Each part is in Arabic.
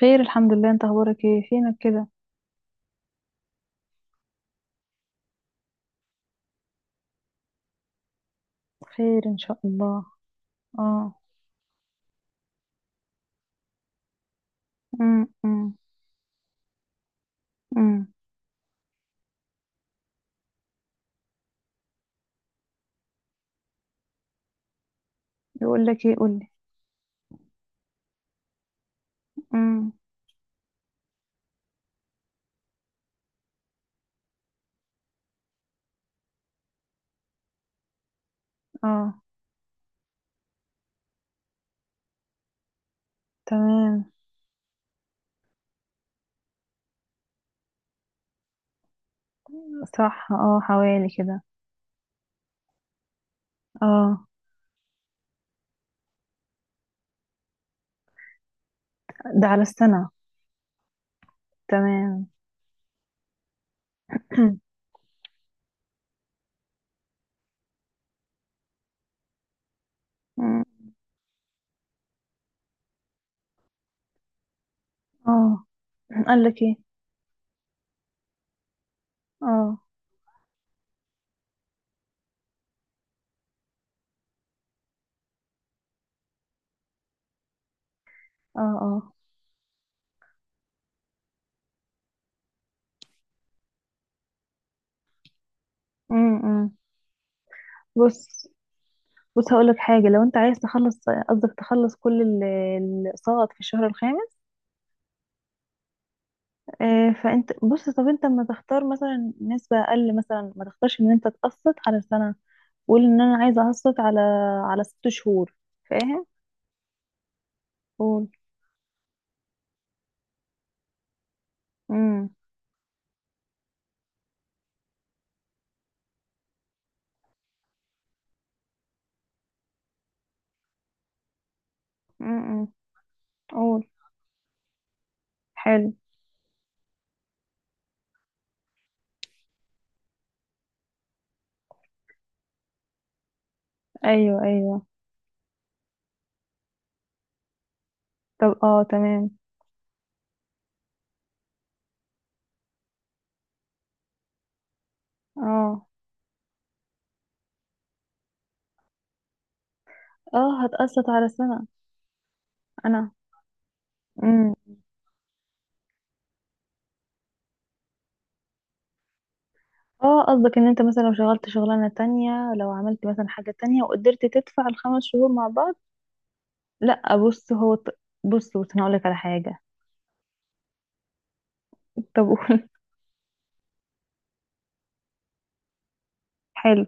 خير، الحمد لله، انت اخبارك ايه؟ فينك كده؟ خير ان شاء الله. اه. امم. امم. امم. يقول لك ايه؟ قول لي. امم. اه. تمام. صح، اه، حوالي كده. اه، ده على السنة. تمام. أمم. اه، قال لك ايه؟ اه. اه. اه. امم. أمم. بص بص، هقول لك حاجة. لو انت عايز تخلص، قصدك تخلص كل الاقساط في الشهر الخامس؟ فانت بص، طب انت ما تختار مثلا نسبة اقل؟ مثلا ما تختارش ان انت تقسط على سنة. قول ان انا عايزة اقسط على 6 شهور. فاهم؟ قول. امم. امم. إمم. قول. حلو. ايوه، ايوه. طب، اه، تمام. اه، اه، هتقسط على سنة. انا. امم. اه، قصدك ان انت مثلا لو شغلت شغلانة تانية، لو عملت مثلا حاجة تانية وقدرت تدفع الخمس شهور مع بعض؟ لا، بص هو بص، انا هقولك على حاجة. طب قول. حلو.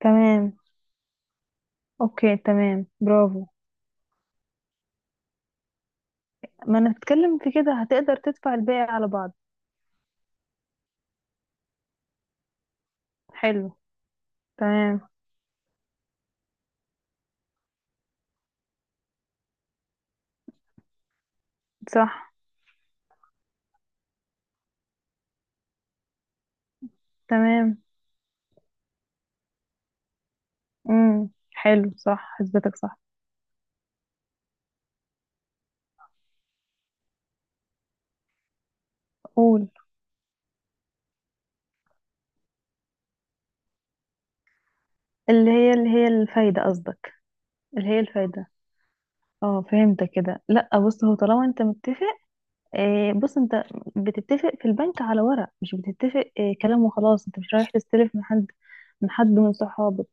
تمام. اوكي، تمام، برافو. ما انا بتكلم في كده هتقدر تدفع الباقي على بعض. حلو. تمام. صح. تمام. امم. حلو، صح، حسبتك صح. قول. اللي هي الفايدة قصدك؟ اللي هي الفايدة. اه، فهمتك كده. لا بص، هو طالما انت متفق، بص انت بتتفق في البنك على ورق، مش بتتفق كلام وخلاص. انت مش رايح تستلف من حد، من صحابك.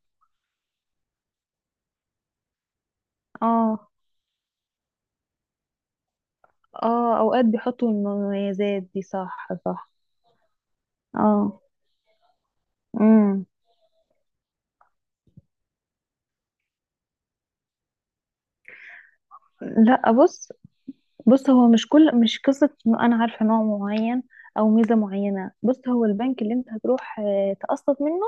اه، اه، اوقات بيحطوا المميزات دي، صح، صح. اه. امم. لا، بص هو مش قصة انه انا عارفة نوع معين او ميزة معينة. بص، هو البنك اللي انت هتروح تقسط منه،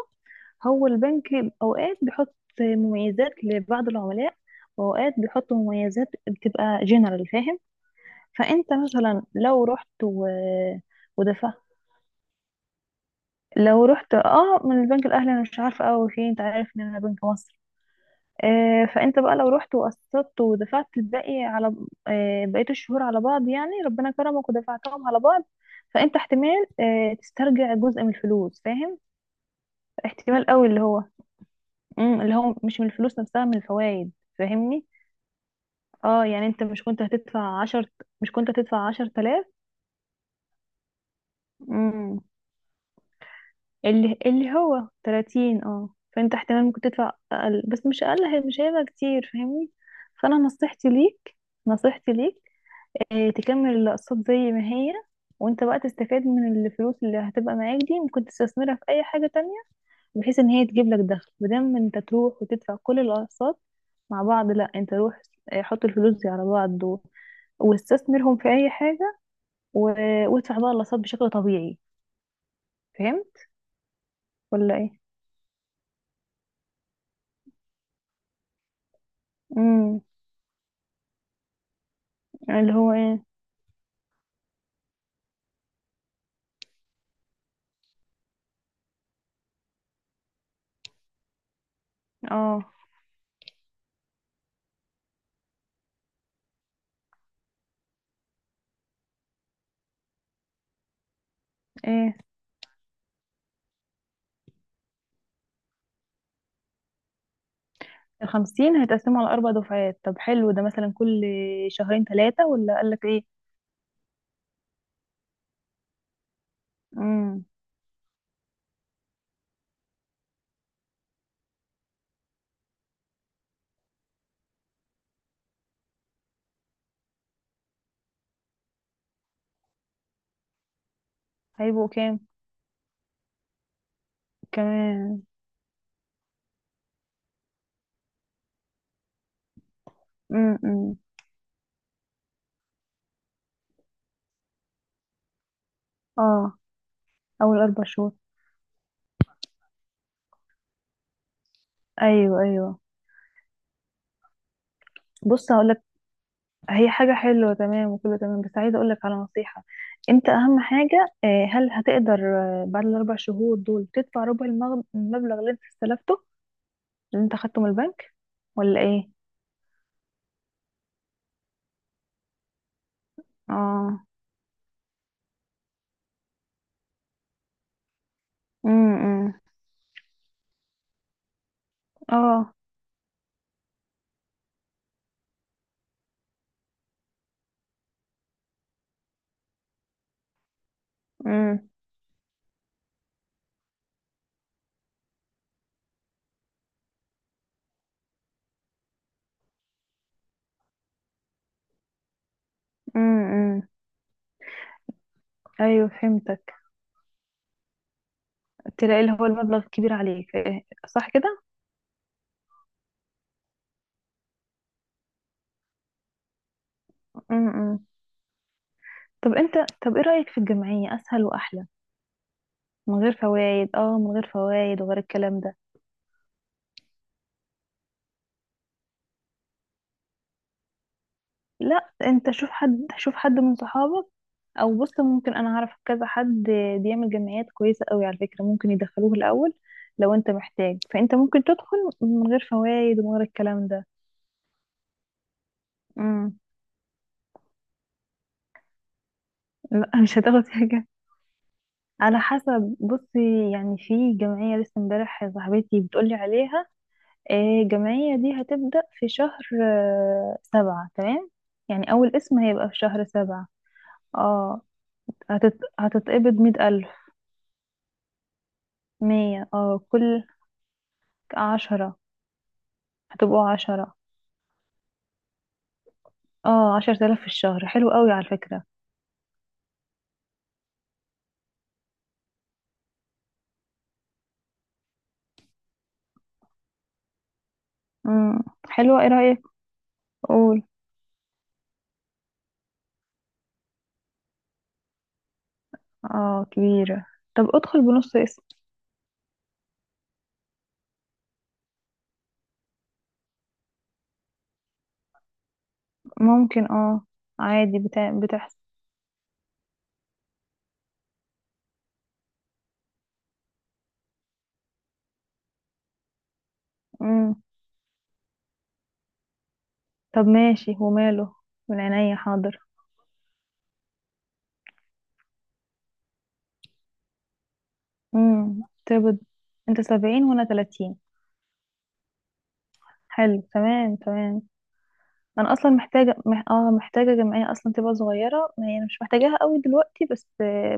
هو البنك اوقات بيحط مميزات لبعض العملاء، واوقات بيحط مميزات بتبقى جنرال. فاهم؟ فانت مثلا ودفعت، لو رحت، اه، من البنك الاهلي، انا مش عارفة قوي فيه، انت عارف ان انا بنك مصر. فانت بقى لو رحت وقسطت ودفعت الباقي على بقية الشهور على بعض، يعني ربنا كرمك ودفعتهم على بعض، فانت احتمال تسترجع جزء من الفلوس. فاهم؟ احتمال قوي اللي هو اللي هو مش من الفلوس نفسها، من الفوائد. فاهمني؟ اه، يعني انت مش كنت هتدفع 10 تلاف. مم، اللي هو 30، اه. فانت احتمال ممكن تدفع اقل، بس مش اقل، مش هيبقى كتير. فاهمني؟ فانا نصيحتي ليك، تكمل الاقساط زي ما هي، وانت بقى تستفاد من الفلوس اللي هتبقى معاك دي، ممكن تستثمرها في اي حاجة تانية، بحيث ان هي تجيب لك دخل، بدل ما انت تروح وتدفع كل الاقساط مع بعض. لا، انت روح حط الفلوس دي على بعض واستثمرهم في اي حاجة، و... وادفع بقى الاقساط بشكل طبيعي. فهمت ولا ايه؟ امم. اللي هو ايه؟ اه، ايه، الخمسين هيتقسموا على 4 دفعات؟ طب حلو، ده مثلا كل شهرين، ثلاثة، ولا قالك ايه؟ امم. هيبقوا كام كمان؟ امم. اه، اول 4 شهور. ايوه، ايوه. بص هقولك، هي حاجه حلوه، تمام، وكله تمام، بس عايزه اقولك على نصيحه. انت اهم حاجه، هل هتقدر بعد الـ4 شهور دول تدفع ربع المبلغ اللي انت استلفته، اللي انت خدته من البنك، ولا ايه؟ اه. امم. اه. امم. امم. ايوه، فهمتك. تلاقي اللي هو المبلغ كبير عليك، إيه، صح كده. امم. طب انت، طب ايه رايك في الجمعيه؟ اسهل واحلى، من غير فوائد، اه، من غير فوائد وغير الكلام ده. لا، انت شوف حد من صحابك، او بص ممكن انا اعرف كذا حد بيعمل جمعيات كويسة قوي. على فكرة ممكن يدخلوه الاول لو انت محتاج، فانت ممكن تدخل من غير فوائد ومن غير الكلام ده. امم. لا، مش هتاخد حاجة، على حسب. بصي، يعني في جمعية لسه امبارح صاحبتي بتقولي عليها، الجمعية دي هتبدأ في شهر، سبعة، تمام. يعني أول اسم هيبقى في شهر سبعة. اه، هتتقبض 100 ألف. مية، اه، كل عشرة. هتبقوا عشرة. اه، 10 آلاف في الشهر، حلو قوي على فكرة. مم. حلوة، ايه رأيك؟ قول. اه، كبيرة. طب ادخل بنص اسم. ممكن، اه، عادي، بتحصل. مم. طب ماشي وماله. من عينيا، حاضر. مم. تقبض. انت 70 وانا 30. حلو، تمام، تمام. انا اصلا محتاجه، مح... اه محتاجه جمعيه اصلا تبقى صغيره، ما هي أنا مش محتاجاها قوي دلوقتي، بس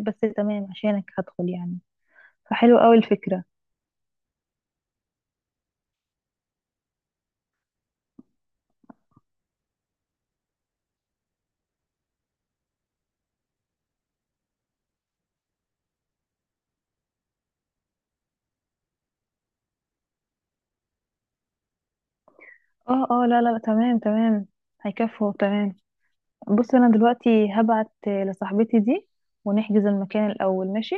بس تمام، عشانك هدخل يعني، فحلو قوي الفكره. اه، اه، لا، لا، لا، تمام، تمام. هيكفوا، تمام. بص، انا دلوقتي هبعت لصاحبتي دي ونحجز المكان الاول، ماشي.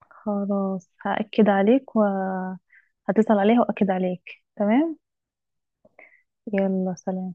خلاص، هأكد عليك وهتصل عليها وأكد عليك، تمام. يلا، سلام.